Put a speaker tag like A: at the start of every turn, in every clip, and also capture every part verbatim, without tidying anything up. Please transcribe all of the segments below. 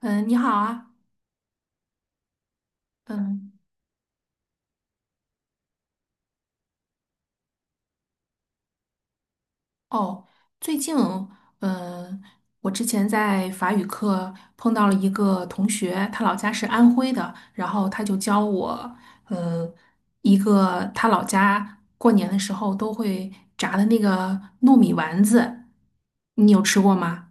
A: 嗯，你好啊，嗯，哦，最近，嗯，我之前在法语课碰到了一个同学，他老家是安徽的，然后他就教我，嗯，一个他老家过年的时候都会炸的那个糯米丸子，你有吃过吗？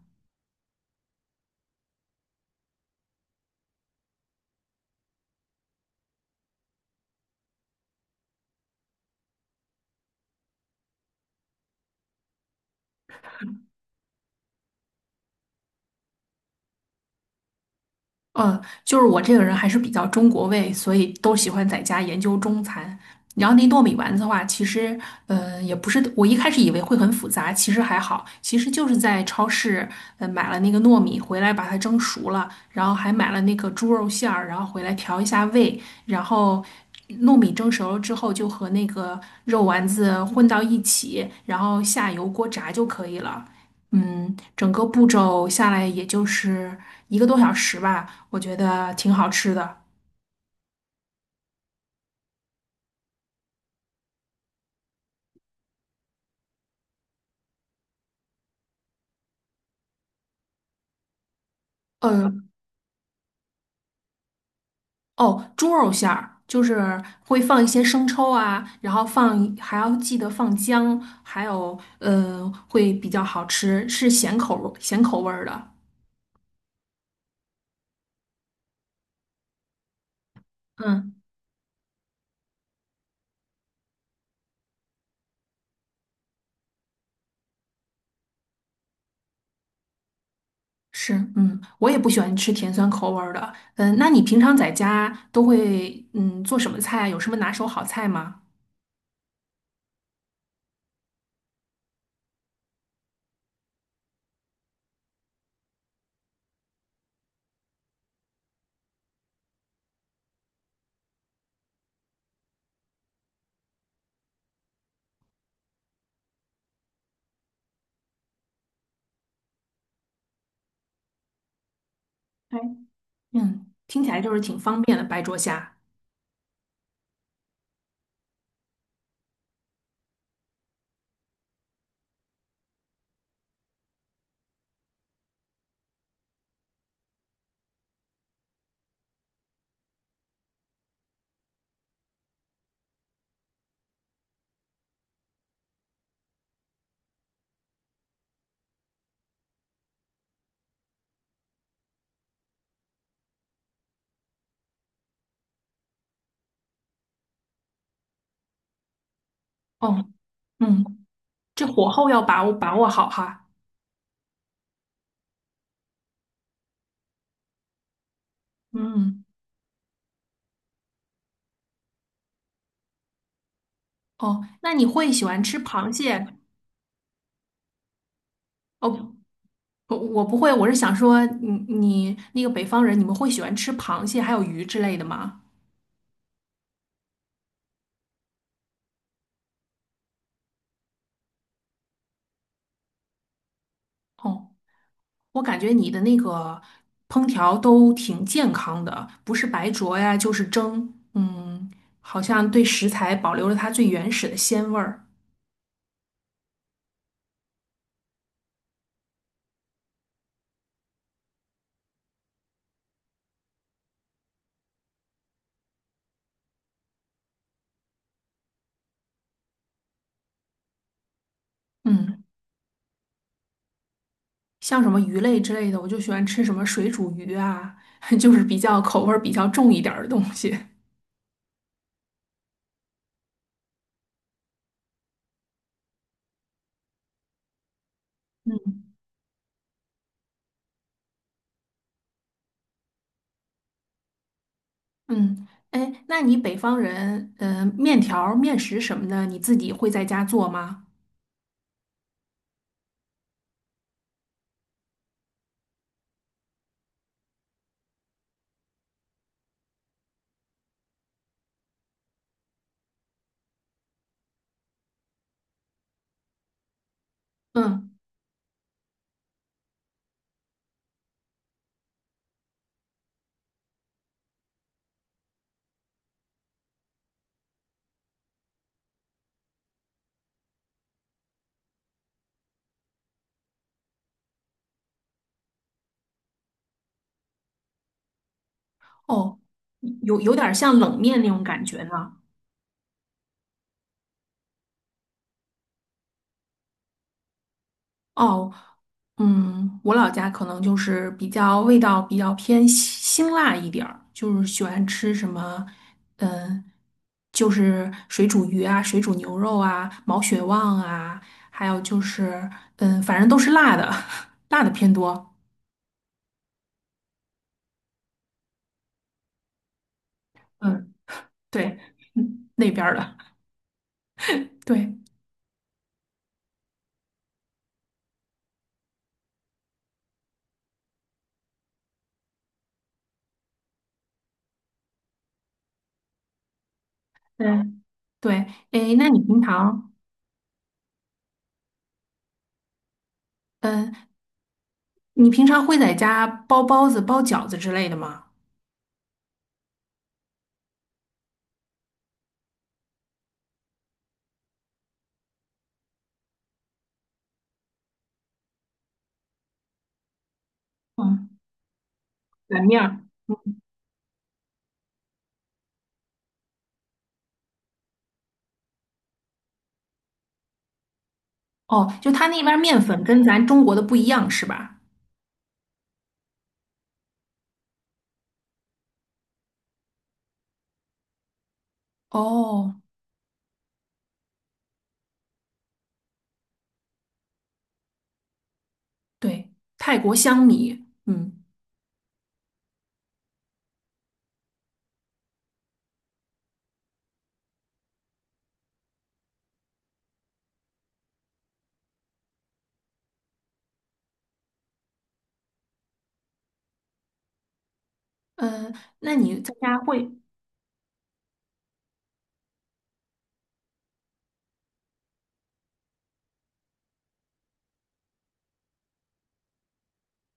A: 嗯，就是我这个人还是比较中国味，所以都喜欢在家研究中餐。然后那糯米丸子的话，其实，嗯，也不是，我一开始以为会很复杂，其实还好，其实就是在超市，呃，买了那个糯米回来，把它蒸熟了，然后还买了那个猪肉馅儿，然后回来调一下味，然后糯米蒸熟了之后，就和那个肉丸子混到一起，然后下油锅炸就可以了。嗯，整个步骤下来也就是一个多小时吧，我觉得挺好吃的。呃，哦，猪肉馅儿就是会放一些生抽啊，然后放还要记得放姜，还有呃会比较好吃，是咸口味咸口味儿的。嗯，是，嗯，我也不喜欢吃甜酸口味儿的。嗯，那你平常在家都会嗯做什么菜啊？有什么拿手好菜吗？哎，嗯，听起来就是挺方便的，白灼虾。哦。嗯。这火候要把握把握好哈。嗯，哦，那你会喜欢吃螃蟹？哦，我我不会，我是想说你你那个北方人，你们会喜欢吃螃蟹还有鱼之类的吗？哦，我感觉你的那个烹调都挺健康的，不是白灼呀，就是蒸，嗯，好像对食材保留了它最原始的鲜味儿。嗯，像什么鱼类之类的，我就喜欢吃什么水煮鱼啊，就是比较口味儿比较重一点儿的东西。嗯，哎，那你北方人，呃，面条儿面食什么的，你自己会在家做吗？嗯，哦，有有点儿像冷面那种感觉呢。哦，嗯，我老家可能就是比较味道比较偏辛辛辣一点儿，就是喜欢吃什么，嗯，就是水煮鱼啊、水煮牛肉啊、毛血旺啊，还有就是，嗯，反正都是辣的，辣的偏多。嗯，对，嗯，那边儿的，对。嗯，对，诶，那你平常，嗯，你平常会在家包包子、包饺子之类的吗？嗯，擀面儿。哦，就他那边儿面粉跟咱中国的不一样是吧？哦，对，泰国香米。嗯，嗯，那你在家会？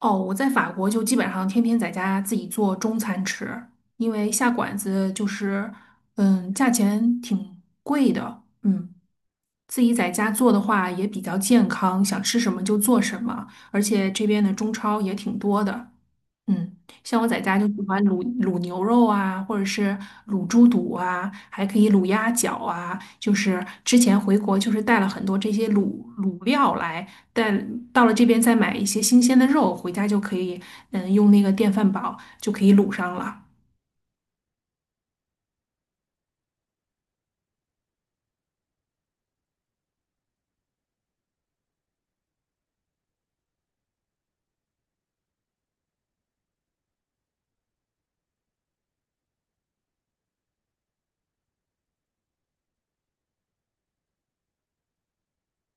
A: 哦，我在法国就基本上天天在家自己做中餐吃，因为下馆子就是，嗯，价钱挺贵的。嗯。自己在家做的话也比较健康，想吃什么就做什么，而且这边的中超也挺多的。嗯，像我在家就喜欢卤卤牛肉啊，或者是卤猪肚啊，还可以卤鸭脚啊。就是之前回国就是带了很多这些卤卤料来，但到了这边再买一些新鲜的肉，回家就可以，嗯，用那个电饭煲就可以卤上了。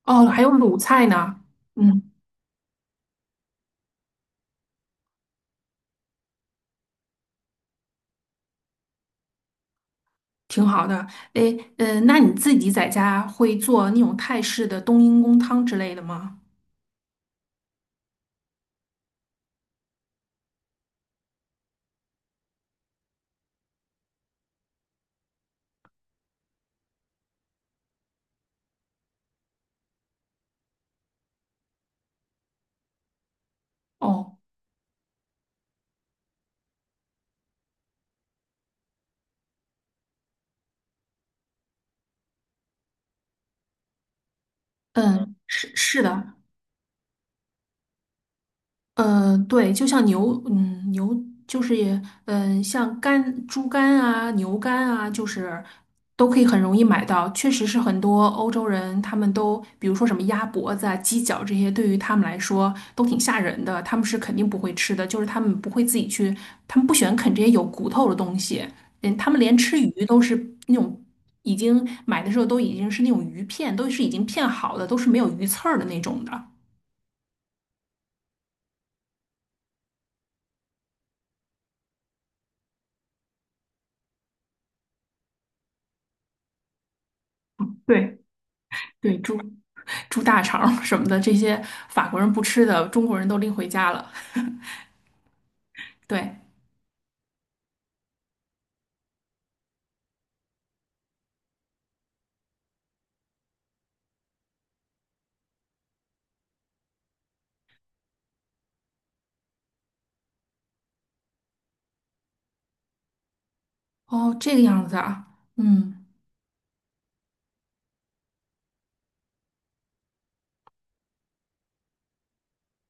A: 哦，还有卤菜呢。嗯。挺好的。诶，嗯，那你自己在家会做那种泰式的冬阴功汤之类的吗？哦，嗯，是是的，呃，对，就像牛，嗯，牛就是也，嗯，像肝、猪肝啊、牛肝啊，就是都可以很容易买到。确实是很多欧洲人，他们都，比如说什么鸭脖子啊、鸡脚这些，对于他们来说都挺吓人的，他们是肯定不会吃的，就是他们不会自己去，他们不喜欢啃这些有骨头的东西。嗯，他们连吃鱼都是那种已经买的时候都已经是那种鱼片，都是已经片好的，都是没有鱼刺儿的那种的。对，对，猪猪大肠什么的，这些法国人不吃的，中国人都拎回家了。对，哦，这个样子啊，嗯，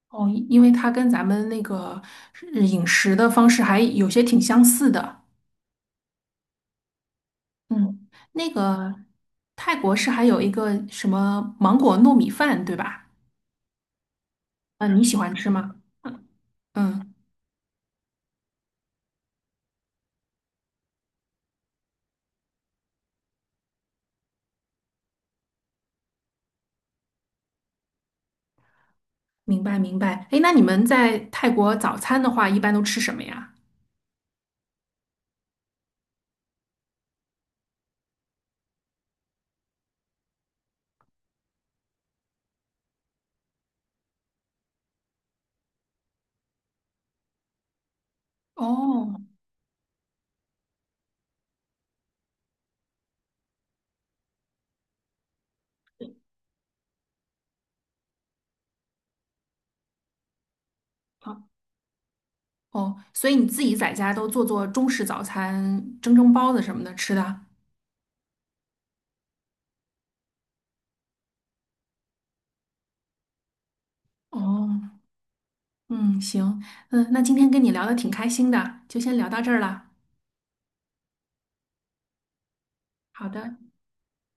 A: 哦，因因为它跟咱们那个呃饮食的方式还有些挺相似的。嗯，那个泰国是还有一个什么芒果糯米饭，对吧？嗯，你喜欢吃吗？嗯，明白明白。哎，那你们在泰国早餐的话，一般都吃什么呀？哦，好。哦，所以你自己在家都做做中式早餐，蒸蒸包子什么的吃的。哦，嗯，行，嗯，那今天跟你聊的挺开心的，就先聊到这儿了。好的，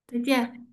A: 再见。